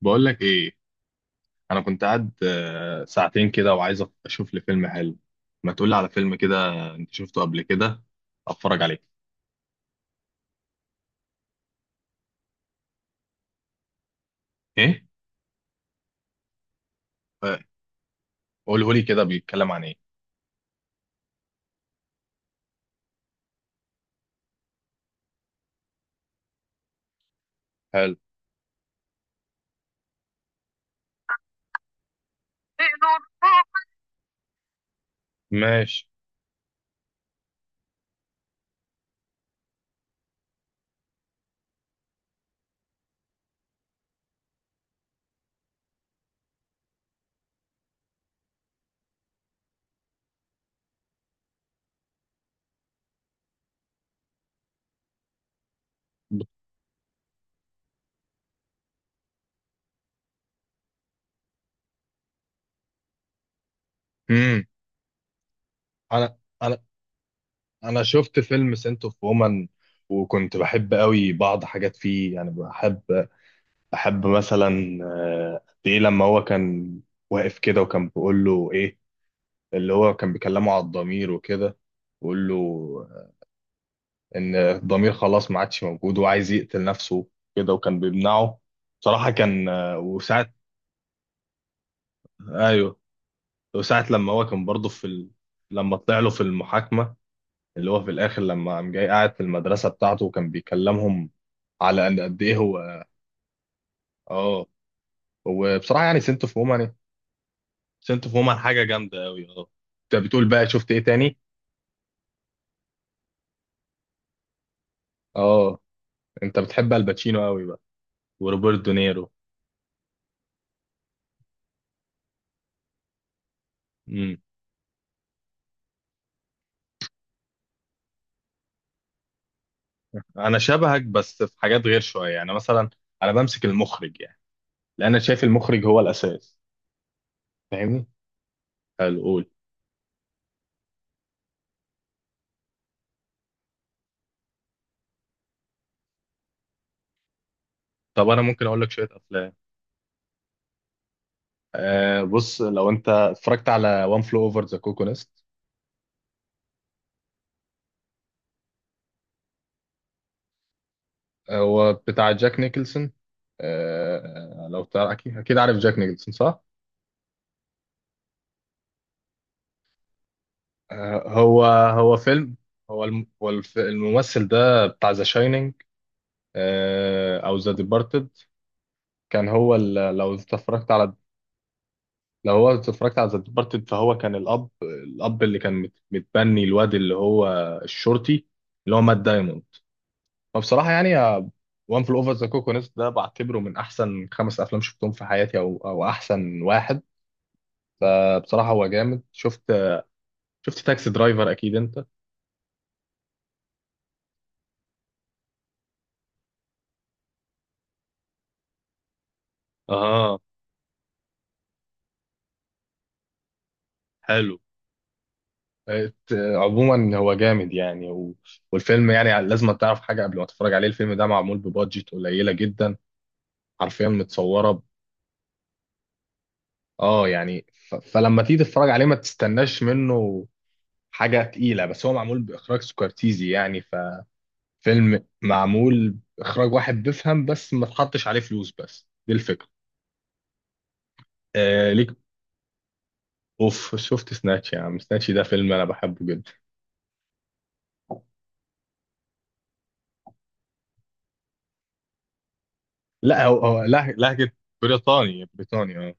بقول لك ايه. انا كنت قاعد ساعتين كده، وعايز اشوف لي فيلم حلو. ما تقول لي على فيلم كده انت شفته قبل كده؟ اتفرج عليه. ايه؟ آه. قوله لي كده، بيتكلم عن ايه؟ حلو. ماشي. امم. انا انا انا شفت فيلم سنت اوف وومن، وكنت بحب قوي بعض حاجات فيه، يعني بحب مثلا قد ايه لما هو كان واقف كده وكان بيقول له ايه. اللي هو كان بيكلمه على الضمير وكده، بيقول له ان الضمير خلاص ما عادش موجود وعايز يقتل نفسه كده وكان بيمنعه. بصراحة كان وساعة. ايوه. وساعة لما هو كان برضه في لما طلع له في المحاكمة، اللي هو في الاخر لما قام جاي قاعد في المدرسة بتاعته وكان بيكلمهم على ان قد ايه هو. اه. وبصراحة يعني سنت اوف وومن، سنت اوف وومن حاجة جامدة قوي. اه. انت بتقول بقى شفت ايه تاني؟ اه، انت بتحب الباتشينو قوي بقى وروبرت دونيرو. انا شبهك بس في حاجات غير شويه، يعني مثلا انا بمسك المخرج، يعني لان انا شايف المخرج هو الاساس. فاهمني؟ حلو، قول. طب انا ممكن اقول لك شويه افلام. آه بص، لو انت اتفرجت على وان فلو اوفر ذا كوكو نست. هو بتاع جاك نيكلسون. آه لو تعرف اكيد اكيد عارف جاك نيكلسون صح. آه هو فيلم. هو الم- هو الف- الممثل ده بتاع ذا شاينينج او ذا ديبارتد. كان هو ال- لو انت اتفرجت على لو هو اتفرجت على ذا ديبارتد، فهو كان الاب اللي كان متبني الواد اللي هو الشرطي اللي هو مات دايموند. فبصراحه يعني وان فل اوفر ذا كوكونس ده بعتبره من احسن خمس افلام شفتهم في حياتي، او احسن واحد. فبصراحه هو جامد. شفت تاكسي درايفر اكيد انت. اه. حلو. عموما هو جامد يعني والفيلم. يعني لازم تعرف حاجه قبل ما تتفرج عليه، الفيلم ده معمول ببادجت قليله جدا، حرفيا متصوره. اه يعني فلما تيجي تتفرج عليه ما تستناش منه حاجة تقيلة، بس هو معمول بإخراج سكورتيزي يعني. ففيلم معمول إخراج واحد بيفهم، بس ما تحطش عليه فلوس. بس دي الفكرة. آه ليك. اوف، شفت سناتش؟ يا عم سناتش ده فيلم انا بحبه جدا. لا، هو هو لهجة بريطاني بريطاني اه.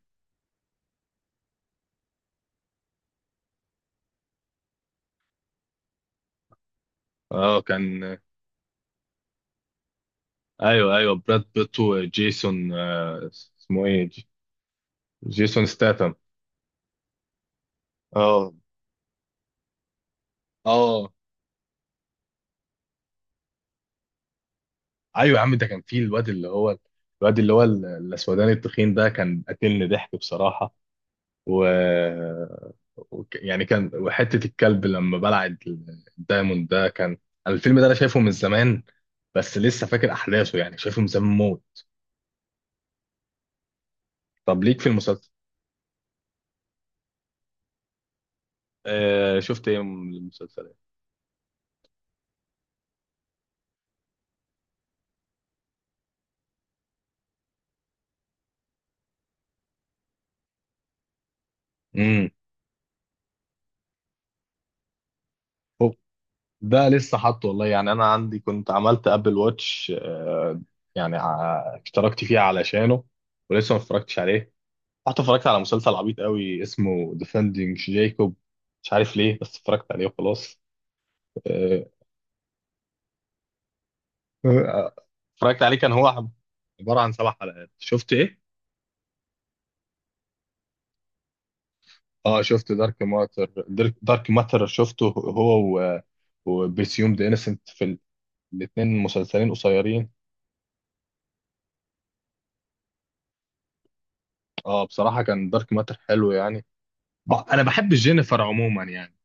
اه كان. ايوه ايوه، براد بيت وجيسون آه، اسمه ايه جيسون ستاتم. اه اه. ايوه يا عم، ده كان فيه الواد اللي هو الواد اللي هو الاسوداني التخين ده، كان قاتلني ضحك بصراحه. و... يعني كان وحته الكلب لما بلع الدايموند ده كان. أنا الفيلم ده انا شايفه من زمان، بس لسه فاكر احداثه، يعني شايفه من زمان موت. طب ليك في المسلسل؟ آه شفت ايه من المسلسلات؟ امم. هو ده لسه حاطه والله، يعني انا عندي كنت عملت ابل واتش يعني اشتركت فيه علشانه، ولسه ما اتفرجتش عليه. رحت اتفرجت على مسلسل عبيط قوي اسمه ديفندينج جايكوب، مش عارف ليه، بس اتفرجت عليه وخلاص. آه، آه، اتفرجت عليه، كان هو عبارة عن سبع حلقات. شفت ايه؟ اه شفت دارك ماتر. دارك ماتر شفته هو وبرسيوم ذا انسنت في. الاثنين مسلسلين قصيرين. اه بصراحة كان دارك ماتر حلو يعني. انا بحب جينيفر عموما يعني.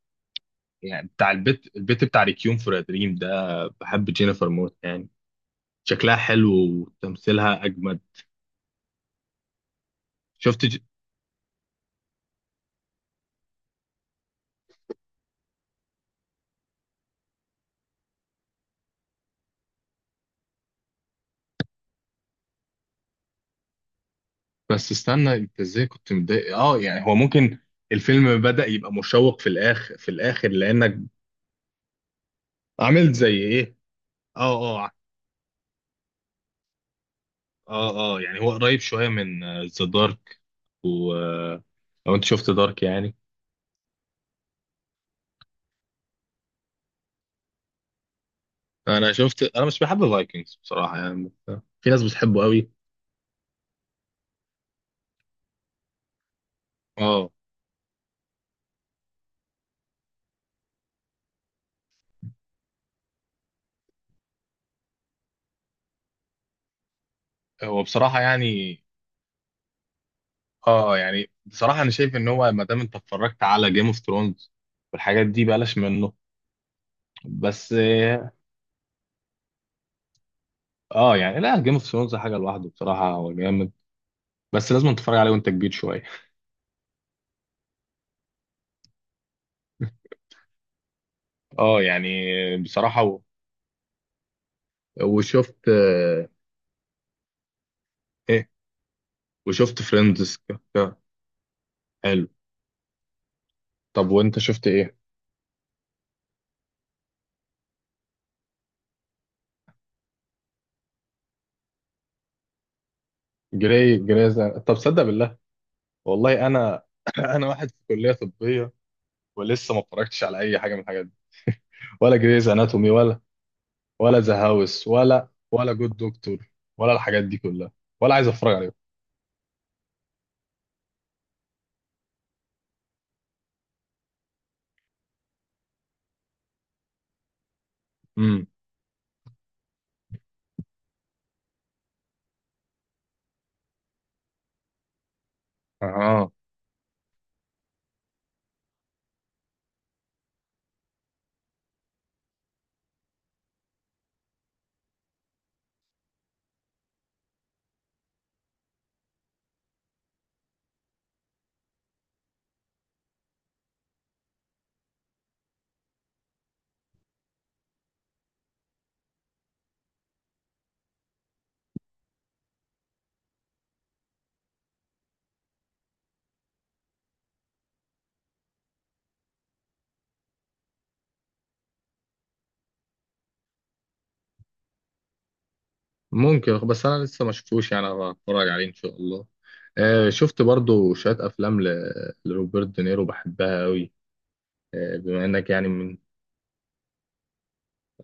يعني بتاع البيت البيت بتاع ريكيوم فور دريم ده، بحب جينيفر موت يعني، شكلها حلو وتمثيلها اجمد. شفت ج... بس استنى، انت ازاي كنت متضايق؟ اه يعني هو ممكن الفيلم بدأ يبقى مشوق في الاخر لانك عملت زي ايه. اه اه. اه اه، يعني هو قريب شوية من ذا دارك، و لو انت شفت دارك يعني. انا مش بحب فايكنجز بصراحة يعني، بس في ناس بتحبه قوي. اه. هو بصراحة يعني. اه يعني بصراحة انا شايف ان هو ما دام انت اتفرجت على جيم اوف ثرونز والحاجات دي، بلاش منه. بس. اه يعني لا، جيم اوف ثرونز حاجه لوحده بصراحه هو جامد، بس لازم تتفرج عليه وانت كبير شويه. اه يعني. بصراحه وشفت ايه، وشفت فريندز. حلو، طب وانت شفت ايه؟ طب صدق بالله، والله انا انا واحد في كليه طبيه ولسه ما اتفرجتش على اي حاجه من الحاجات دي، ولا جريز اناتومي، ولا ذا هاوس، ولا جود دكتور، ولا الحاجات دي كلها، ولا عايز اتفرج عليهم. امم. اها. ممكن، بس انا لسه ما شفتوش يعني، هتفرج عليه ان شاء الله. آه شفت برضو شويه افلام لروبرت دينيرو بحبها قوي. آه بما انك يعني من.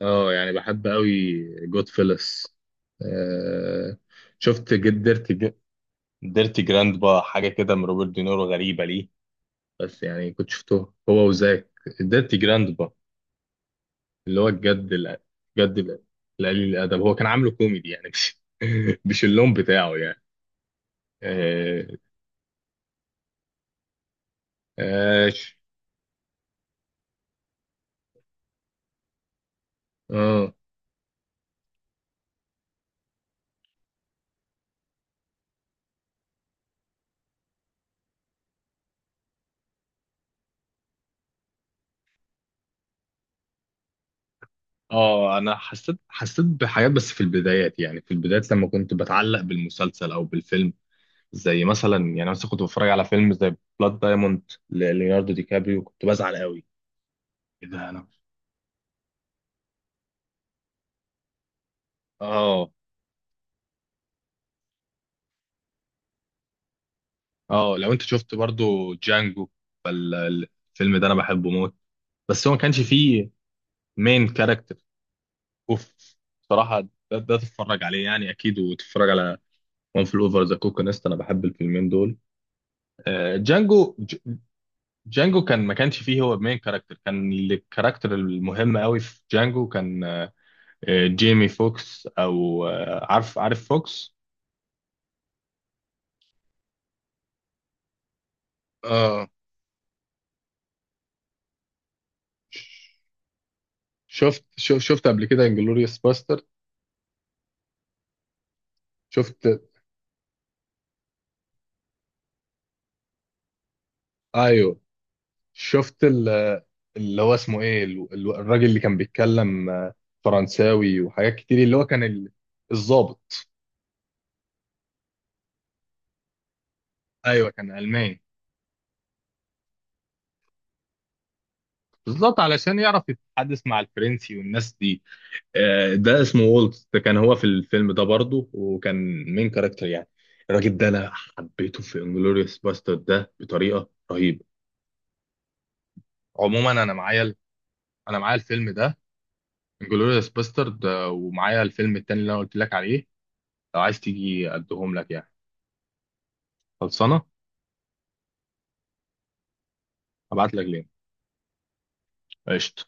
اه يعني بحب قوي جود فيلس. آه شفت ديرتي جراند بقى حاجه كده من روبرت دينيرو غريبه ليه. بس يعني كنت شفته هو وزاك. ديرتي جراند بقى، اللي هو الجد القليل الادب، هو كان عامله كوميدي يعني، مش مش اللون بتاعه يعني. آه، آه، اه. اه انا حسيت بحاجات، بس في البدايات، يعني في البدايات لما كنت بتعلق بالمسلسل او بالفيلم. زي مثلا، يعني مثلا كنت بتفرج على فيلم زي بلاد دايموند لليوناردو دي كابريو كنت بزعل قوي. ايه ده انا. اه اه، لو انت شفت برضو جانجو فالفيلم ده انا بحبه موت، بس هو ما كانش فيه مين كاركتر. اوف. بصراحة ده تتفرج عليه يعني اكيد، وتتفرج على وان فل اوفر ذا كوكونست. انا بحب الفيلمين دول. جانجو. جانجو ما كانش فيه هو المين كاركتر. كان الكاركتر المهم قوي في جانجو كان جيمي فوكس، او عارف فوكس. اه شفت قبل كده انجلوريوس باستر؟ شفت. ايوه شفت اللي هو اسمه ايه، الراجل اللي كان بيتكلم فرنساوي وحاجات كتير، اللي هو كان الضابط. ايوه كان الماني. بالظبط علشان يعرف يتحدث مع الفرنسي والناس دي. ده اسمه وولت. ده كان هو في الفيلم ده برضه وكان مين كاركتر يعني. الراجل ده انا حبيته في انجلوريوس باسترد ده بطريقه رهيبه. عموما انا معايا انا معايا الفيلم ده، انجلوريوس باسترد، ومعايا الفيلم التاني اللي انا قلت لك عليه. لو عايز تيجي اديهم لك يعني. خلصانه. هبعت لك لينك. قشطه.